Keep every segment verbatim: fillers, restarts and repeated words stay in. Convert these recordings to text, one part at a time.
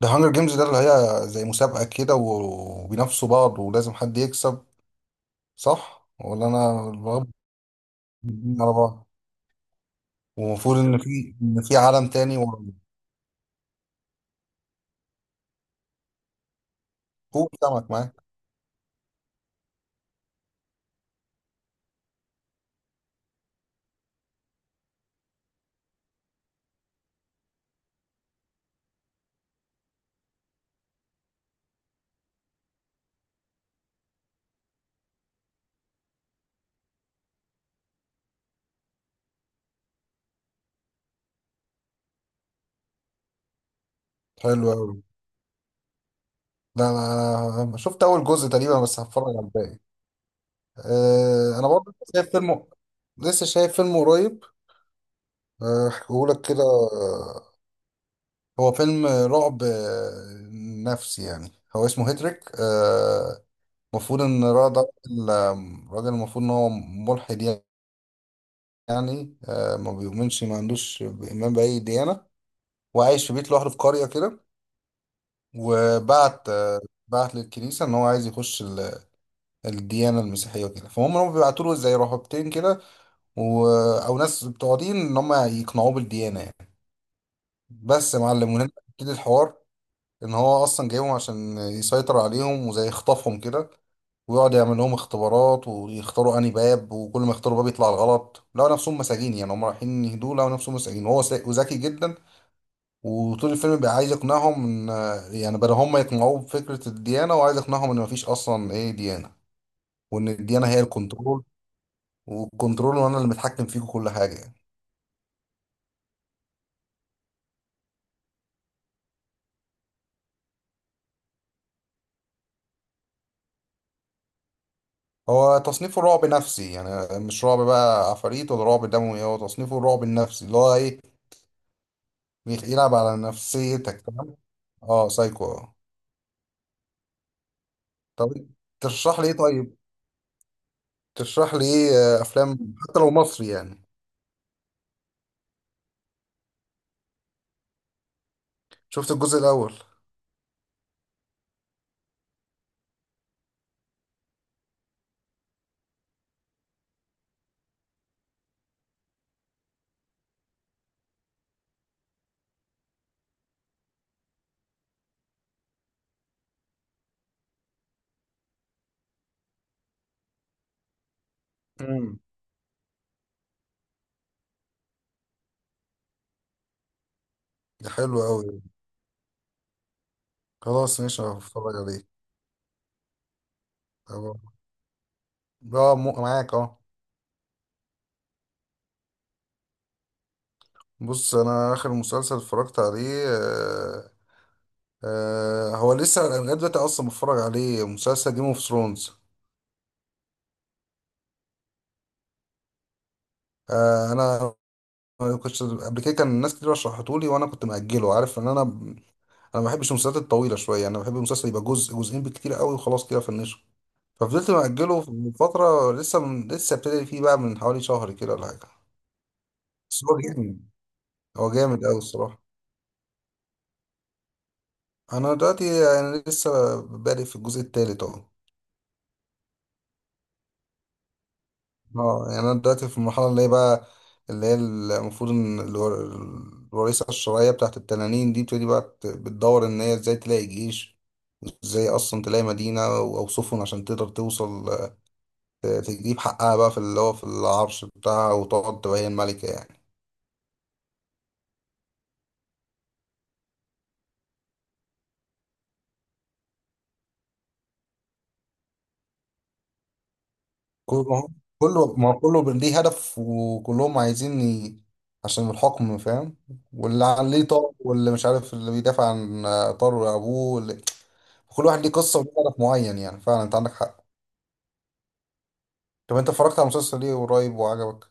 ده هانجر جيمز ده اللي هي زي مسابقة كده و- وبينافسوا بعض ولازم حد يكسب. صح ولا انا بغب على بعض؟ ومفروض ان في ان في عالم تاني ورا. فوق سمك معاك. حلو قوي. ده انا شفت اول جزء تقريبا بس هتفرج على الباقي. أه انا برضه لسه شايف فيلم لسه شايف فيلم قريب آه، هحكيهولك كده. آه، هو فيلم رعب آه، نفسي، يعني هو اسمه هيتريك. المفروض ان الراجل ده راجل راجل المفروض ان هو ملحد، يعني آه، ما بيؤمنش، ما عندوش ايمان باي ديانه، وعايش في بيت لوحده في قريه كده. وبعت آه، بعت للكنيسه ان هو عايز يخش ال- الديانه المسيحيه وكده، فهم هم بيبعتوا له زي رهبتين كده، و... او ناس بتوع دين، ان هم يقنعوه بالديانه يعني. بس يا معلم، وهنا بتبتدي الحوار، ان هو اصلا جايبهم عشان يسيطر عليهم وزي يخطفهم كده، ويقعد يعمل لهم اختبارات ويختاروا انهي باب، وكل ما يختاروا باب يطلع الغلط لقوا نفسهم مساجين. يعني هم رايحين يهدوا لقوا نفسهم مساجين، وهو سا- وذكي جدا. وطول الفيلم بيبقى عايز يقنعهم ان، يعني بدل هم يقنعوه بفكرة الديانة، وعايز يقنعهم ان مفيش اصلا ايه ديانة، وان الديانة هي الكنترول والكنترول، وانا اللي متحكم فيكم كل حاجة يعني. هو تصنيفه رعب نفسي، يعني مش رعب بقى عفاريت ولا رعب دموي، هو تصنيفه الرعب النفسي، اللي هو ايه، بيخ- يلعب على نفسيتك، تمام. اه سايكو اه. طب ترشح لي ايه؟ طيب ترشح لي ايه آه، افلام حتى لو مصري يعني. شفت الجزء الاول. امم. ده حلو قوي. خلاص ماشي هتفرج عليه. طب- اه م- معاك اه. بص انا اخر مسلسل اتفرجت عليه آه آه هو لسه انا لغايه دلوقتي اصلا بتفرج عليه مسلسل جيم اوف ثرونز. آه انا كنت قبل كده كان الناس كتير رشحتهولي، وانا كنت مأجله، عارف ان انا انا ما بحبش المسلسلات الطويله شويه. يعني انا بحب المسلسل يبقى جزء جزئين بالكتير قوي وخلاص كده فنشه. ففضلت مأجله من فتره، لسه من لسه ابتدي فيه بقى من حوالي شهر كده ولا حاجه. بس هو جامد، هو جامد قوي الصراحه. انا دلوقتي يعني لسه بادئ في الجزء الثالث اهو. اه يعني انا دلوقتي في المرحله اللي هي بقى اللي هي المفروض ان الور- الوريثه الشرعيه بتاعت التنانين دي بتبتدي بقى بت- بتدور ان هي ازاي تلاقي جيش، ازاي اصلا تلاقي مدينه او أو سفن عشان تقدر توصل، تجيب حقها بقى في اللي هو في العرش بتاعها، وتقعد تبقى هي الملكة يعني. كله ما هو- كله ما هو كله ليه هدف، وكلهم عايزين ي... عشان الحكم فاهم، واللي عليه طار، واللي مش عارف، اللي بيدافع عن طار أبوه واللي... كل واحد ليه قصة وليه هدف معين، يعني فعلا أنت عندك حق. طب أنت اتفرجت على المسلسل ليه قريب وعجبك؟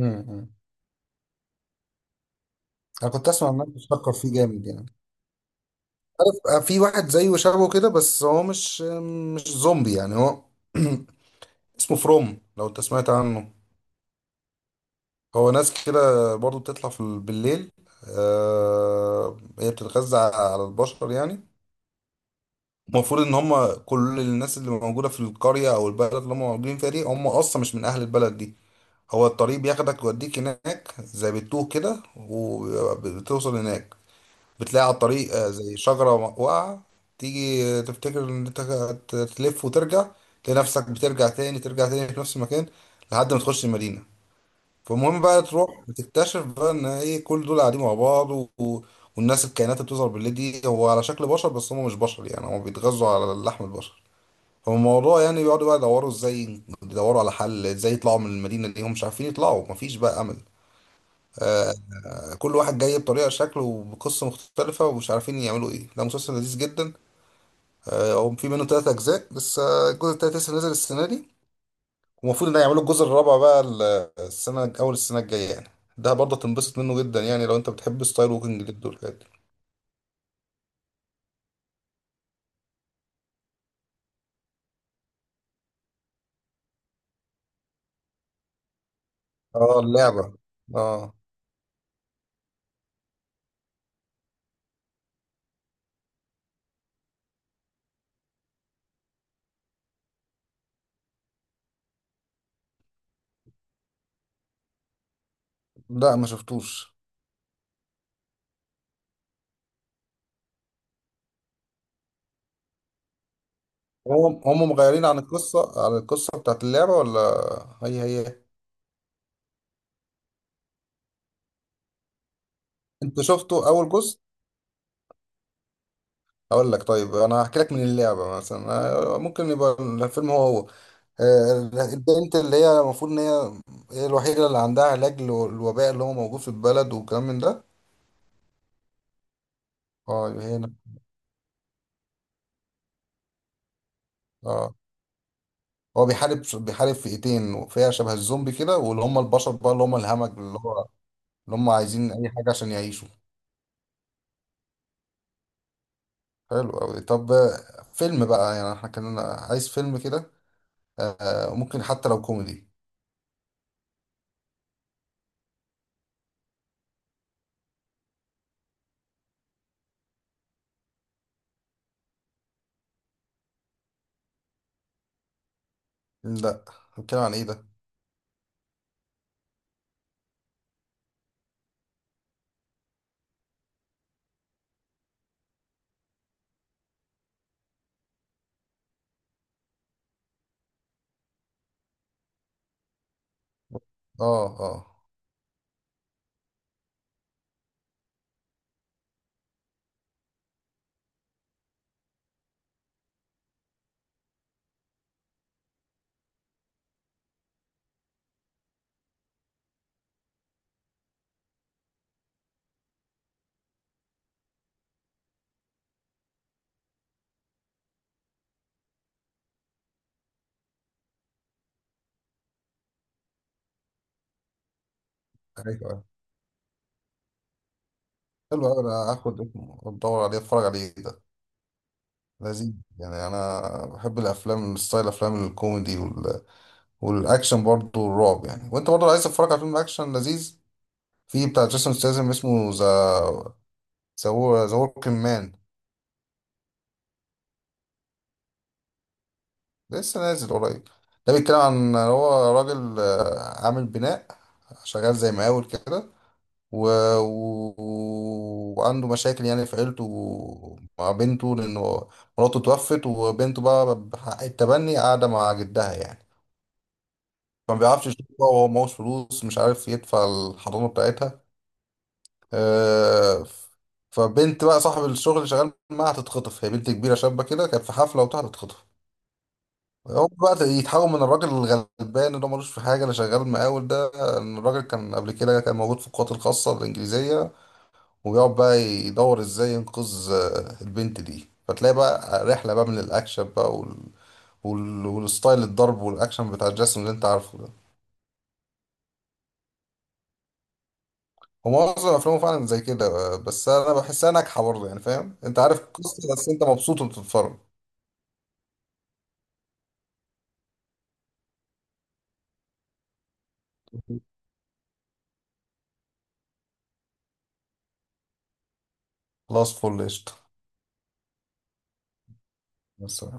امم. أنا كنت أسمع الناس بتشكر فيه جامد يعني. عارف، آه، في واحد زيه شبهه كده، بس هو مش مش زومبي يعني، هو اسمه فروم، لو أنت سمعت عنه. هو ناس كده برضو بتطلع في ال- بالليل. آه هي بتتغذى على البشر يعني. المفروض ان هم كل الناس اللي موجوده في القريه او البلد اللي هم موجودين فيها دي، هم اصلا مش من اهل البلد دي. هو الطريق بياخدك يوديك هناك زي بتوه كده، وبتوصل هناك بتلاقي على الطريق آه، زي شجره واقعه، تيجي آه، تفتكر ان انت هت- تلف وترجع، تلاقي نفسك بترجع تاني ترجع تاني في نفس المكان، لحد ما تخش المدينه. فالمهم بقى تروح بتكتشف بقى ان ايه، كل دول قاعدين مع بعض و... و- والناس الكائنات اللي بتظهر بالليل دي، هو على شكل بشر بس هم مش بشر، يعني هم بيتغذوا على لحم البشر. فالموضوع يعني بيقعدوا بقى يدوروا، ازاي يدوروا على حل، ازاي يطلعوا من المدينة دي، هم مش عارفين يطلعوا، مفيش بقى امل. كل واحد جاي بطريقة شكله وبقصة مختلفة، ومش عارفين يعملوا ايه، ده مسلسل لذيذ جدا. آه، هو في منه تلات اجزاء، لسه الجزء التالت لسه نازل السنة دي. ومفروض ان يعملوا الجزء الرابع بقى ال- السنة أول السنة الجاية يعني. ده برضه تنبسط منه جدا، يعني لو أنت بتحب ستايل ووكينج ديد والحاجات دي. اه اللعبة. اه. لا ما شفتوش. هم هم مغيرين عن القصة عن القصة بتاعت اللعبة ولا؟ هي هي. أنت شفته أول جزء؟ أقول لك طيب أنا هحكي لك من اللعبة مثلا. آه، ممكن يبقى الفيلم هو هو. آه، البنت اللي هي المفروض إن هي هي الوحيدة اللي عندها علاج للوباء اللي هو موجود في البلد والكلام من ده. اه هنا. اه. هو بيحارب بيحارب فئتين، فئة شبه الزومبي كده، واللي هم البشر بقى، اللي هم الهمج، اللي هو اللي هم عايزين أي حاجة عشان يعيشوا. حلو أوي. طب آه، فيلم بقى، يعني احنا كان عايز فيلم كده، آه، ممكن حتى لو كوميدي. لا، بنتكلم عن ايه ده؟ اه اه. أيوة، أيوة. حلو أوي، أنا هاخد اسمه أدور عليه أتفرج عليه ده. لذيذ يعني، أنا بحب الأفلام ستايل أفلام الكوميدي وال... والأكشن برضه والرعب يعني. وأنت برضه لو عايز تتفرج على فيلم أكشن لذيذ، في بتاع جيسون ستاثام اسمه ذا ذا ذا وركينج مان، لسه نازل قريب. ده بيتكلم عن، هو راجل آه، عامل بناء، شغال زي مقاول كده، و... و... وعنده مشاكل يعني في عيلته مع بنته، لأنه مراته توفت، وبنته بقى بحق التبني قاعدة مع جدها يعني. فما بيعرفش يشوفها، وهو معهوش فلوس، مش عارف يدفع الحضانة بتاعتها. آه، ف- فبنت بقى صاحب الشغل اللي شغال معاها هتتخطف، هي بنت كبيرة شابة كده، كانت في حفلة وبتاع هتتخطف. هو بقى يتحول من الراجل الغلبان اللي هو ملوش في حاجة، اللي شغال مقاول ده، إن الراجل كان قبل كده كان موجود في القوات الخاصة الإنجليزية. ويقعد بقى يدور إزاي ينقذ آه، البنت دي، فتلاقي بقى رحلة بقى من الأكشن بقى وال... وال... والستايل الضرب والأكشن بتاع جاسون اللي أنت عارفه ده. هو معظم أفلامه فعلا زي كده. آه، بس أنا بحسها ناجحة برضه، يعني فاهم، أنت عارف القصة بس أنت مبسوط وأنت بتتفرج. خلاص فل قشطة بس.